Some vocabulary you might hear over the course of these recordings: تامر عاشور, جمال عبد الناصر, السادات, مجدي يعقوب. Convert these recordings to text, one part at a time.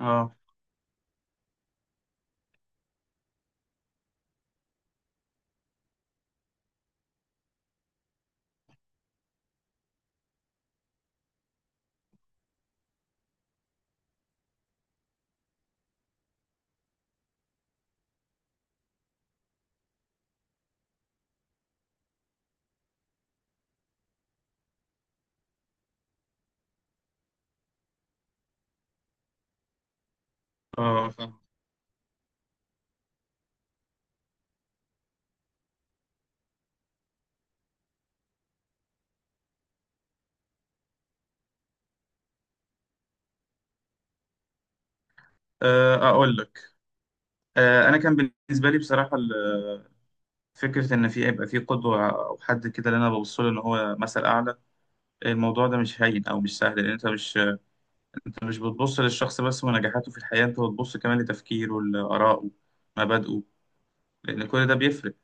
اه اه فاهم. اقول لك. انا كان بالنسبه لي بصراحه فكره ان في يبقى في قدوه او حد كده اللي انا ببص له ان هو مثل اعلى. الموضوع ده مش هين او مش سهل، لان انت مش بتبص للشخص بس ونجاحاته في الحياه، انت بتبص كمان لتفكيره لارائه مبادئه، لان كل ده بيفرق.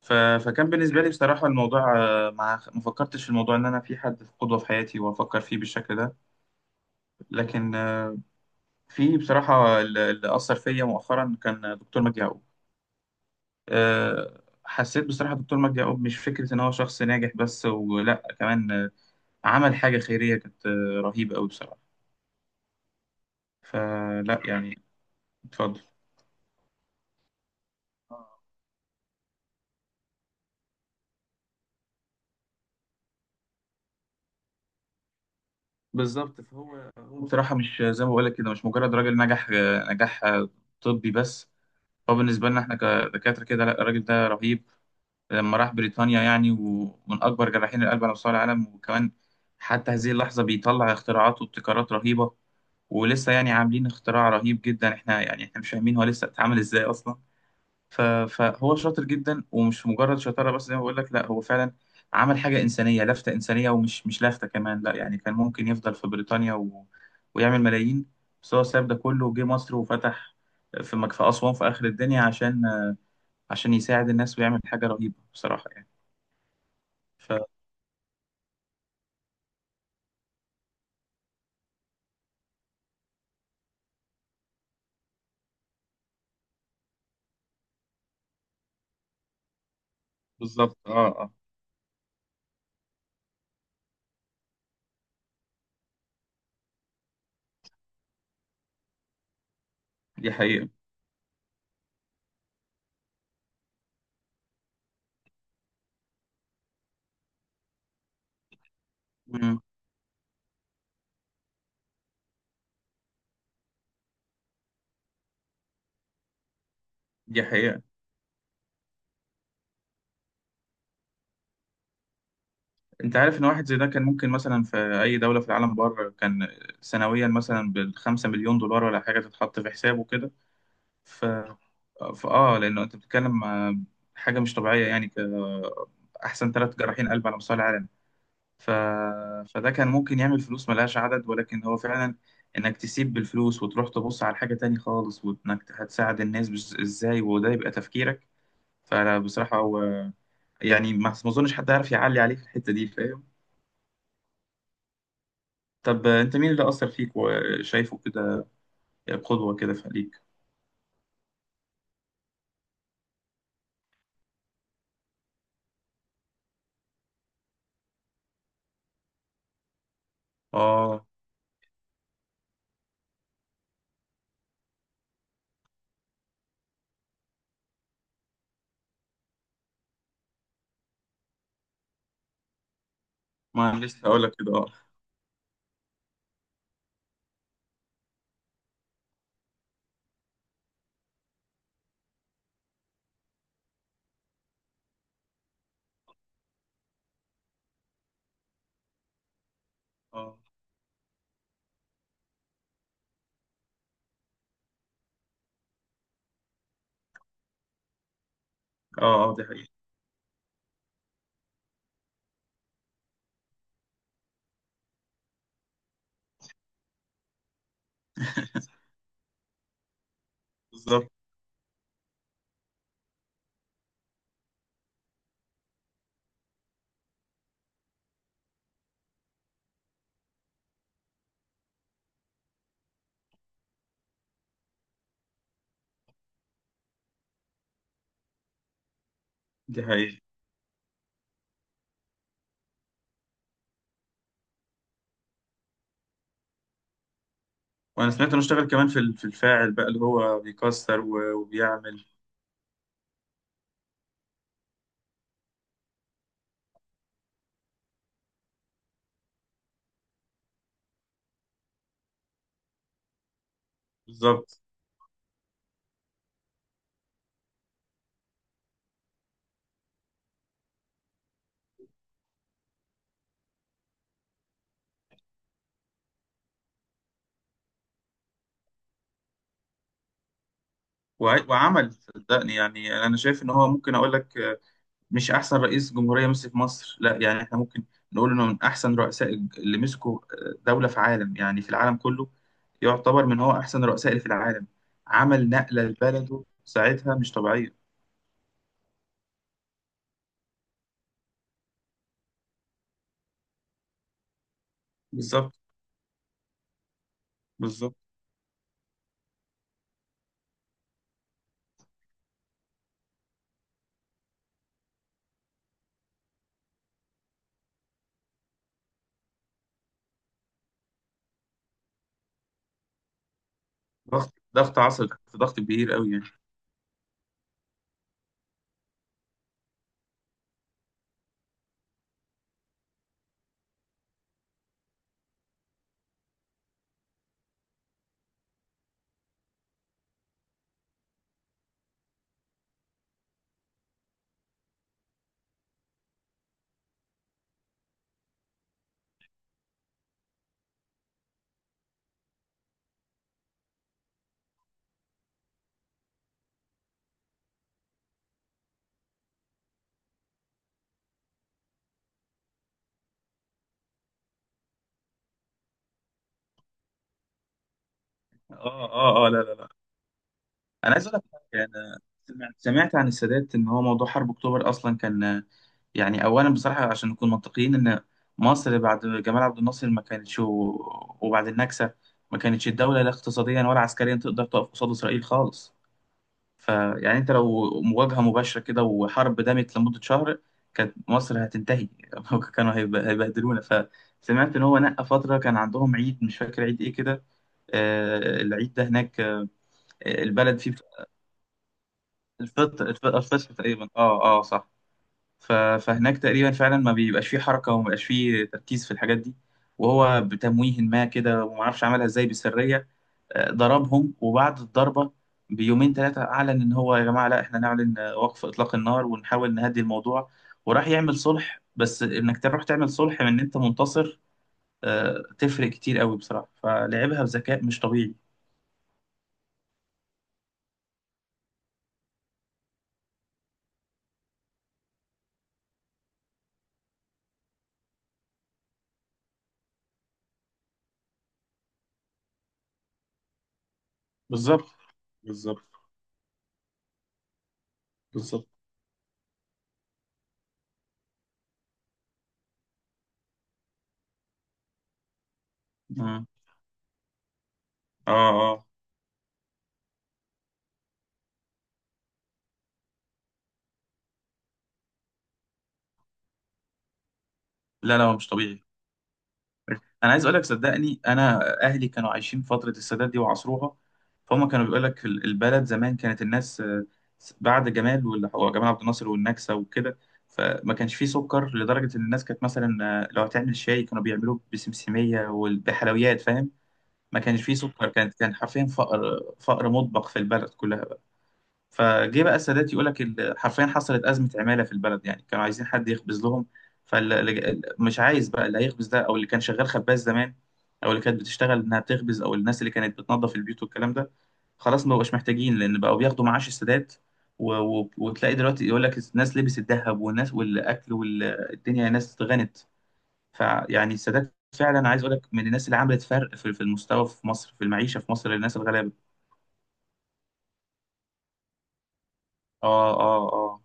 ف... فكان بالنسبه لي بصراحه الموضوع، ما فكرتش في الموضوع ان انا في حد في قدوه في حياتي وافكر فيه بالشكل ده. لكن، في بصراحه اللي اثر فيا مؤخرا كان دكتور مجدي يعقوب. آه، حسيت بصراحة دكتور مجدي يعقوب مش فكرة إن هو شخص ناجح بس، ولا كمان عمل حاجة خيرية كانت رهيبة أوي بصراحة. فلا يعني. اتفضل. بالظبط. فهو بصراحة مش زي ما بقولك كده، مش مجرد راجل نجح نجاح طبي بس. هو بالنسبة لنا احنا كدكاترة كده، لا الراجل ده رهيب. لما راح بريطانيا يعني، ومن أكبر جراحين القلب على مستوى العالم، وكمان حتى هذه اللحظة بيطلع اختراعات وابتكارات رهيبة. ولسه يعني عاملين اختراع رهيب جدا، احنا يعني احنا مش فاهمين هو لسه اتعمل ازاي اصلا. فهو شاطر جدا، ومش مجرد شطارة بس زي ما بقول لك، لا هو فعلا عمل حاجة إنسانية، لفتة إنسانية. ومش مش لفتة كمان، لا يعني كان ممكن يفضل في بريطانيا ويعمل ملايين. بس هو ساب ده كله وجه مصر، وفتح في في أسوان، في آخر الدنيا، عشان يساعد الناس ويعمل حاجة رهيبة بصراحة يعني. ف بالظبط. اه اه دي حقيقة. مم. دي حقيقة. انت عارف ان واحد زي ده كان ممكن مثلا في اي دولة في العالم بره، كان سنويا مثلا بـ5 مليون دولار ولا حاجة تتحط في حسابه كده. ف... فاه لانه انت بتتكلم حاجة مش طبيعية يعني. احسن ثلاث جراحين قلب على مستوى العالم. ف... فده كان ممكن يعمل فلوس ملهاش عدد، ولكن هو فعلا، انك تسيب بالفلوس وتروح تبص على حاجة تاني خالص، وانك هتساعد الناس ازاي، وده يبقى تفكيرك. فبصراحة هو يعني ما اظنش حد يعرف يعلي عليه في الحتة دي فاهم. طب انت مين اللي اثر فيك وشايفه كده قدوه كده في عليك؟ اه. ما انا لسه اقول لك كده. اه اه اه اه. دي حقيقه. بالظبط. دي حقيقه. وانا سمعت انه اشتغل كمان في في الفاعل بقى اللي هو بيكسر وبيعمل. بالظبط. وعمل صدقني يعني، يعني انا شايف ان هو ممكن اقول لك مش احسن رئيس جمهوريه مسك مصر، لا يعني احنا ممكن نقول انه من احسن رؤساء اللي مسكوا دوله في عالم، يعني في العالم كله. يعتبر من هو احسن الرؤساء اللي في العالم. عمل نقله لبلده ساعتها مش طبيعيه. بالظبط. بالظبط. ضغط عصر، تحت ضغط كبير قوي يعني. اه اه اه لا لا لا. انا عايز اقول لك حاجة، انا سمعت عن السادات ان هو موضوع حرب اكتوبر اصلا كان، يعني اولا بصراحه عشان نكون منطقيين، ان مصر بعد جمال عبد الناصر ما كانتش، وبعد النكسه ما كانتش الدوله لا اقتصاديا ولا عسكريا تقدر تقف قصاد اسرائيل خالص. فيعني انت لو مواجهه مباشره كده، وحرب دامت لمده شهر، كانت مصر هتنتهي. كانوا هيبهدلونا. فسمعت ان هو نقى فتره كان عندهم عيد، مش فاكر عيد ايه كده، العيد ده هناك البلد فيه. الفطر الفطر تقريبا. اه اه صح. فهناك تقريبا فعلا ما بيبقاش فيه حركة، وما بيبقاش فيه تركيز في الحاجات دي. وهو بتمويه ما كده، وما اعرفش عملها ازاي بسرية، ضربهم. وبعد الضربة بيومين ثلاثة أعلن إن هو يا جماعة لا، إحنا نعلن وقف إطلاق النار، ونحاول نهدي الموضوع. وراح يعمل صلح، بس إنك تروح تعمل صلح من إن أنت منتصر، تفرق كتير قوي بصراحة. فلعبها بذكاء مش طبيعي. بالظبط. بالظبط. بالظبط. مم. آه آه. لا لا هو مش طبيعي. انا عايز اقول لك صدقني، انا اهلي كانوا عايشين فتره السادات دي وعصروها. فهم كانوا بيقول لك البلد زمان كانت الناس، بعد جمال، واللي هو جمال عبد الناصر، والنكسه وكده. فما كانش فيه سكر، لدرجه ان الناس كانت مثلا، لو هتعمل شاي كانوا بيعملوه بسمسميه وبحلويات فاهم. ما كانش فيه سكر، كانت كان حرفيا فقر. فقر مطبق في البلد كلها. فجه بقى السادات يقول لك، حرفيا حصلت أزمة عمالة في البلد، يعني كانوا عايزين حد يخبز لهم. فمش عايز بقى اللي هيخبز ده، أو اللي كان شغال خباز زمان، أو اللي كانت بتشتغل إنها بتخبز، أو الناس اللي كانت بتنظف البيوت والكلام ده. خلاص ما بقوش محتاجين، لأن بقوا بياخدوا معاش السادات. وتلاقي دلوقتي يقول لك الناس لبس الذهب، والناس والأكل والدنيا، الناس غنت. فيعني السادات فعلا، عايز اقول لك، من الناس اللي عملت فرق في المستوى في مصر، في المعيشة في مصر للناس الغلابة. اه اه اه.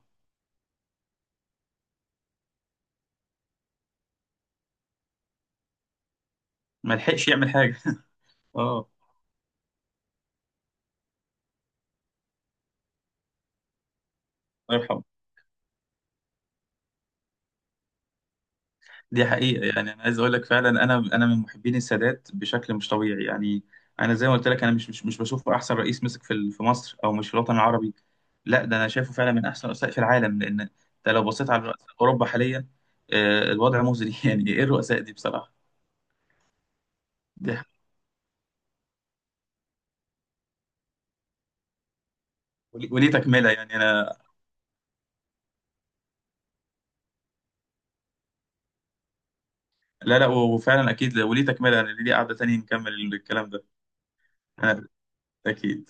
ما لحقش يعمل حاجة. اه. الله يرحمه. دي حقيقة. يعني أنا عايز أقول لك فعلا، أنا من محبين السادات بشكل مش طبيعي يعني. أنا زي ما قلت لك، أنا مش بشوفه أحسن رئيس مسك في في مصر، أو مش في الوطن العربي. لا ده أنا شايفه فعلا من أحسن الرؤساء في العالم، لأن أنت لو بصيت على رؤساء أوروبا حاليا، الوضع مزري. يعني إيه الرؤساء دي بصراحة. دي حقيقة. وليه تكملة يعني أنا. لا لا، وفعلا أكيد وليه تكملة. أنا ليه قعدة تانية نكمل الكلام ده. أنا أكيد.